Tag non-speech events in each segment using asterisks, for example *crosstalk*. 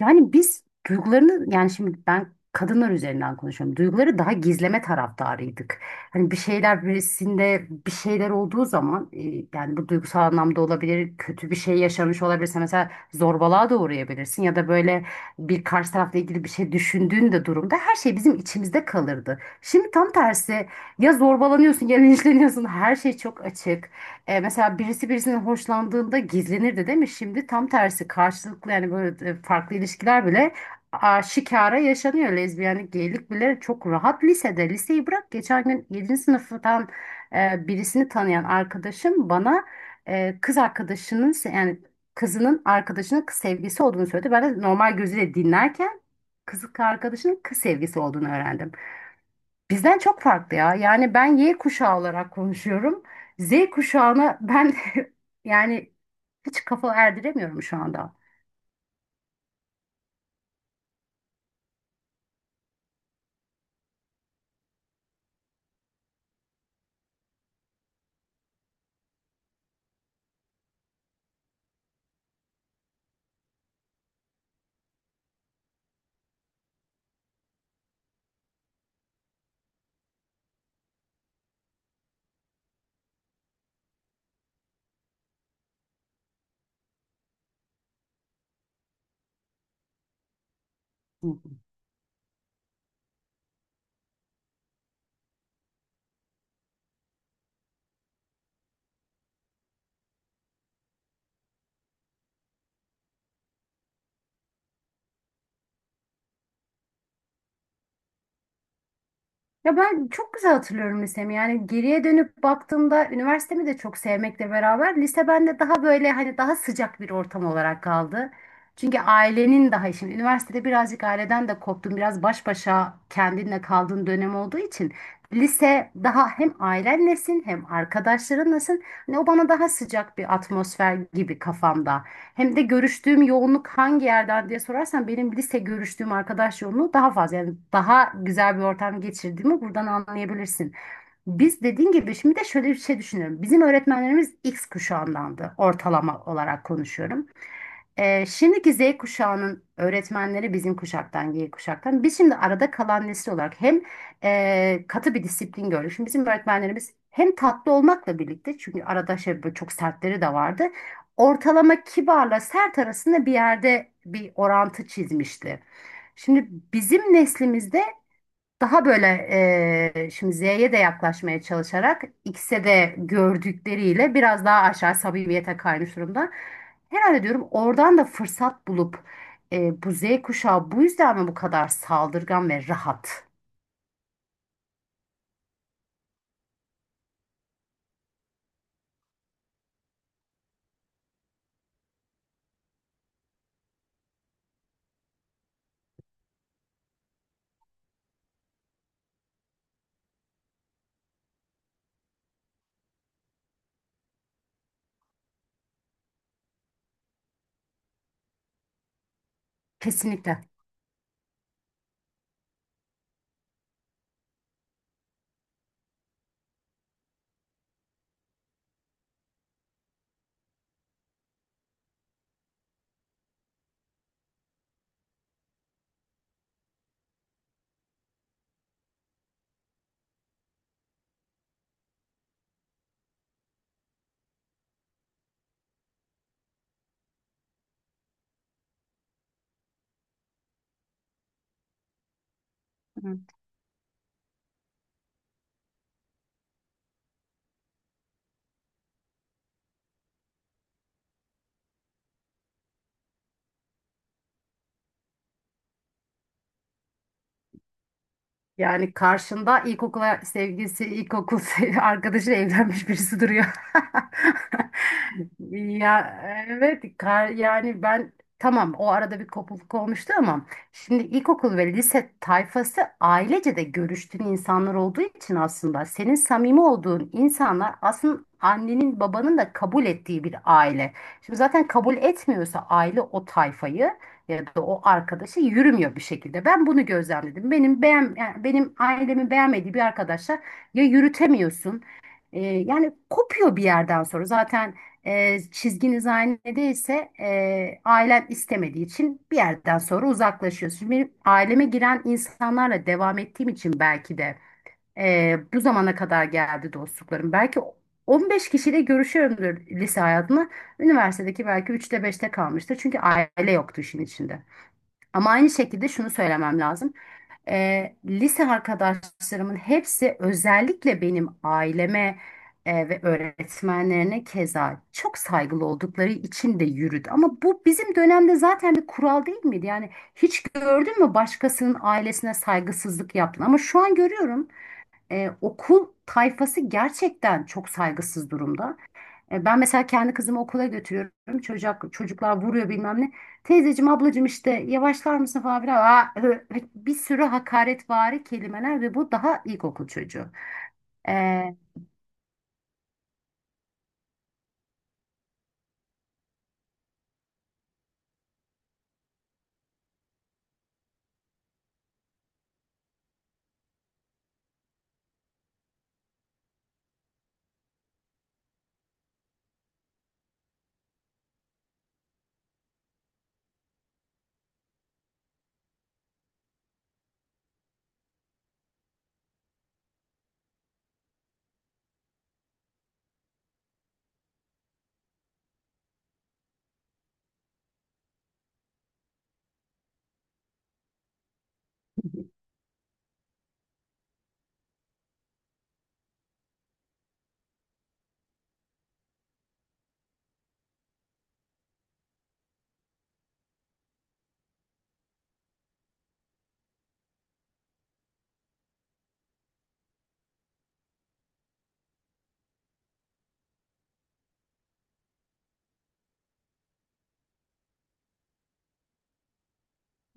Yani biz duygularını yani şimdi ben kadınlar üzerinden konuşuyorum. Duyguları daha gizleme taraftarıydık. Hani bir şeyler birisinde bir şeyler olduğu zaman yani bu duygusal anlamda olabilir, kötü bir şey yaşamış olabilirse mesela zorbalığa da uğrayabilirsin ya da böyle bir karşı tarafla ilgili bir şey düşündüğün de durumda her şey bizim içimizde kalırdı. Şimdi tam tersi, ya zorbalanıyorsun ya *laughs* linçleniyorsun, her şey çok açık. Mesela birisi birisinin hoşlandığında gizlenirdi, değil mi? Şimdi tam tersi, karşılıklı, yani böyle farklı ilişkiler bile şikara yaşanıyor. Lezbiyenlik, geylik bile çok rahat lisede. Liseyi bırak, geçen gün yedinci sınıftan birisini tanıyan arkadaşım bana yani kızının arkadaşının kız sevgisi olduğunu söyledi. Ben de normal gözüyle dinlerken kız arkadaşının kız sevgisi olduğunu öğrendim. Bizden çok farklı ya. Yani ben Y kuşağı olarak konuşuyorum. Z kuşağına ben *laughs* yani hiç kafa erdiremiyorum şu anda. Hı hı. Ya ben çok güzel hatırlıyorum lisemi. Yani geriye dönüp baktığımda üniversitemi de çok sevmekle beraber lise bende daha böyle, hani daha sıcak bir ortam olarak kaldı. Çünkü ailenin daha, şimdi üniversitede birazcık aileden de koptun, biraz baş başa kendinle kaldığın dönem olduğu için lise daha, hem ailenlesin hem arkadaşlarınlasın. Hani o bana daha sıcak bir atmosfer gibi kafamda. Hem de görüştüğüm yoğunluk hangi yerden diye sorarsan benim lise görüştüğüm arkadaş yoğunluğu daha fazla. Yani daha güzel bir ortam geçirdiğimi buradan anlayabilirsin. Biz, dediğin gibi, şimdi de şöyle bir şey düşünüyorum. Bizim öğretmenlerimiz X kuşağındandı, ortalama olarak konuşuyorum. Şimdiki Z kuşağının öğretmenleri bizim kuşaktan, Y kuşaktan. Biz şimdi arada kalan nesil olarak hem katı bir disiplin gördük. Şimdi bizim öğretmenlerimiz hem tatlı olmakla birlikte, çünkü arada şey, böyle çok sertleri de vardı. Ortalama kibarla sert arasında bir yerde bir orantı çizmişti. Şimdi bizim neslimizde daha böyle şimdi Z'ye de yaklaşmaya çalışarak, X'e de gördükleriyle biraz daha aşağı samimiyete kaymış durumda. Herhalde diyorum oradan da fırsat bulup bu Z kuşağı bu yüzden mi bu kadar saldırgan ve rahat? Kesinlikle. Yani karşında ilkokula sevgilisi, *laughs* arkadaşıyla evlenmiş birisi duruyor. *laughs* Ya evet, yani ben, tamam, o arada bir kopukluk olmuştu, ama şimdi ilkokul ve lise tayfası ailece de görüştüğün insanlar olduğu için, aslında senin samimi olduğun insanlar aslında annenin babanın da kabul ettiği bir aile. Şimdi zaten kabul etmiyorsa aile o tayfayı ya da o arkadaşa, yürümüyor bir şekilde. Ben bunu gözlemledim. Yani benim ailemin beğenmediği bir arkadaşa ya, yürütemiyorsun. Yani kopuyor bir yerden sonra. Zaten çizginiz aynı değilse, ailen istemediği için bir yerden sonra uzaklaşıyorsun. Şimdi benim aileme giren insanlarla devam ettiğim için, belki de bu zamana kadar geldi dostluklarım. Belki 15 kişiyle görüşüyorumdur lise hayatımda. Üniversitedeki belki üçte beşte kalmıştır. Çünkü aile yoktu işin içinde. Ama aynı şekilde şunu söylemem lazım. Lise arkadaşlarımın hepsi özellikle benim aileme, ve öğretmenlerine keza çok saygılı oldukları için de yürüdü. Ama bu bizim dönemde zaten bir kural değil miydi? Yani hiç gördün mü başkasının ailesine saygısızlık yaptın? Ama şu an görüyorum okul tayfası gerçekten çok saygısız durumda. Ben mesela kendi kızımı okula götürüyorum. Çocuklar vuruyor bilmem ne. Teyzeciğim, ablacığım, işte yavaşlar mısın falan filan. Aa, hı, hı. Bir sürü hakaretvari kelimeler, ve bu daha ilkokul çocuğu. E,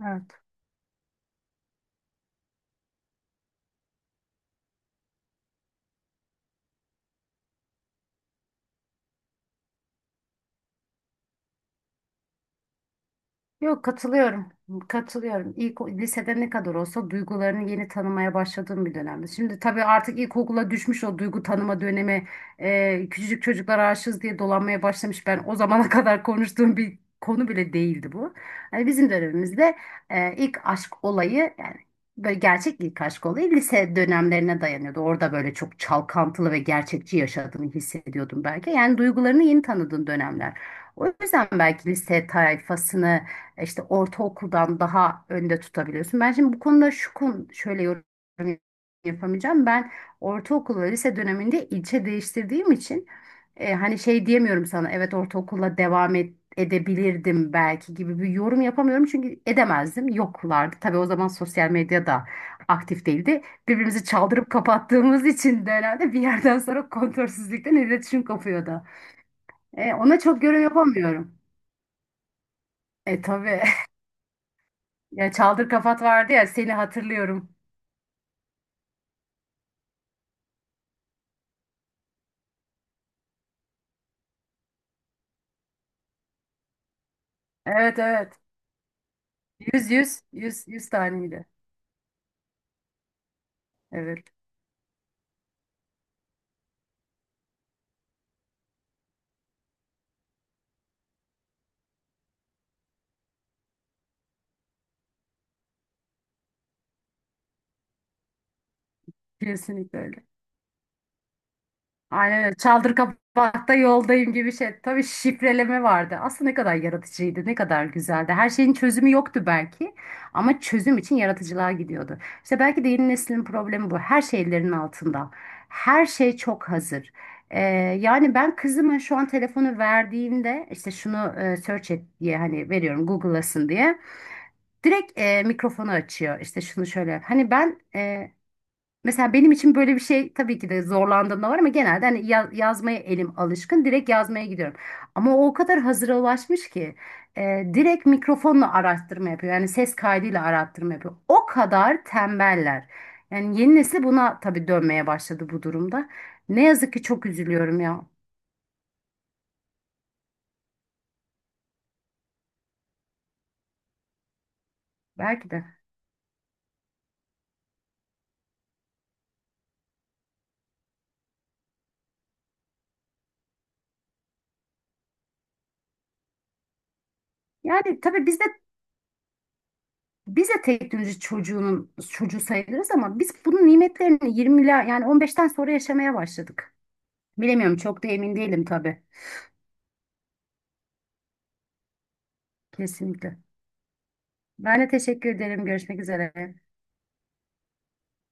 Evet. Yok, katılıyorum. Katılıyorum. İlk lisede ne kadar olsa duygularını yeni tanımaya başladığım bir dönemde. Şimdi tabii artık ilkokula düşmüş o duygu tanıma dönemi. Küçücük çocuklar aşığız diye dolanmaya başlamış. Ben o zamana *laughs* kadar konuştuğum bir konu bile değildi bu. Hani bizim dönemimizde ilk aşk olayı, yani böyle gerçek ilk aşk olayı lise dönemlerine dayanıyordu. Orada böyle çok çalkantılı ve gerçekçi yaşadığını hissediyordum belki. Yani duygularını yeni tanıdığın dönemler. O yüzden belki lise tayfasını işte ortaokuldan daha önde tutabiliyorsun. Ben şimdi bu konuda, şu konu, şöyle yorum yapamayacağım. Ben ortaokul ve lise döneminde ilçe değiştirdiğim için hani şey diyemiyorum sana, evet ortaokulla devam et, edebilirdim belki gibi bir yorum yapamıyorum, çünkü edemezdim, yoklardı tabii o zaman, sosyal medya da aktif değildi. Birbirimizi çaldırıp kapattığımız *laughs* için de herhalde bir yerden sonra kontrolsüzlükten iletişim kopuyordu. Ona çok yorum yapamıyorum. Tabii. *laughs* Ya çaldır kafat vardı ya, seni hatırlıyorum. Evet, evet. Yüz, yüz, yüz, yüz taneydi. Evet, kesinlikle öyle. Aynen öyle. Çaldır kapatta yoldayım gibi şey. Tabii şifreleme vardı. Aslında ne kadar yaratıcıydı, ne kadar güzeldi. Her şeyin çözümü yoktu belki, ama çözüm için yaratıcılığa gidiyordu. İşte belki de yeni neslin problemi bu. Her şey ellerinin altında. Her şey çok hazır. Ee, Yani ben kızıma şu an telefonu verdiğimde, işte şunu search et diye hani veriyorum, Google'lasın diye. Direkt mikrofonu açıyor. İşte şunu şöyle yap. Hani ben mesela benim için böyle bir şey, tabii ki de zorlandığımda var, ama genelde hani yazmaya elim alışkın. Direkt yazmaya gidiyorum. Ama o kadar hazıra ulaşmış ki direkt mikrofonla araştırma yapıyor. Yani ses kaydıyla araştırma yapıyor. O kadar tembeller. Yani yeni nesil buna tabii dönmeye başladı bu durumda. Ne yazık ki çok üzülüyorum ya. Belki de. Yani tabii bizde. Biz de teknoloji çocuğunun çocuğu sayılırız ama biz bunun nimetlerini 20'ler, yani 15'ten sonra yaşamaya başladık. Bilemiyorum, çok da emin değilim tabii. Kesinlikle. Ben de teşekkür ederim. Görüşmek üzere.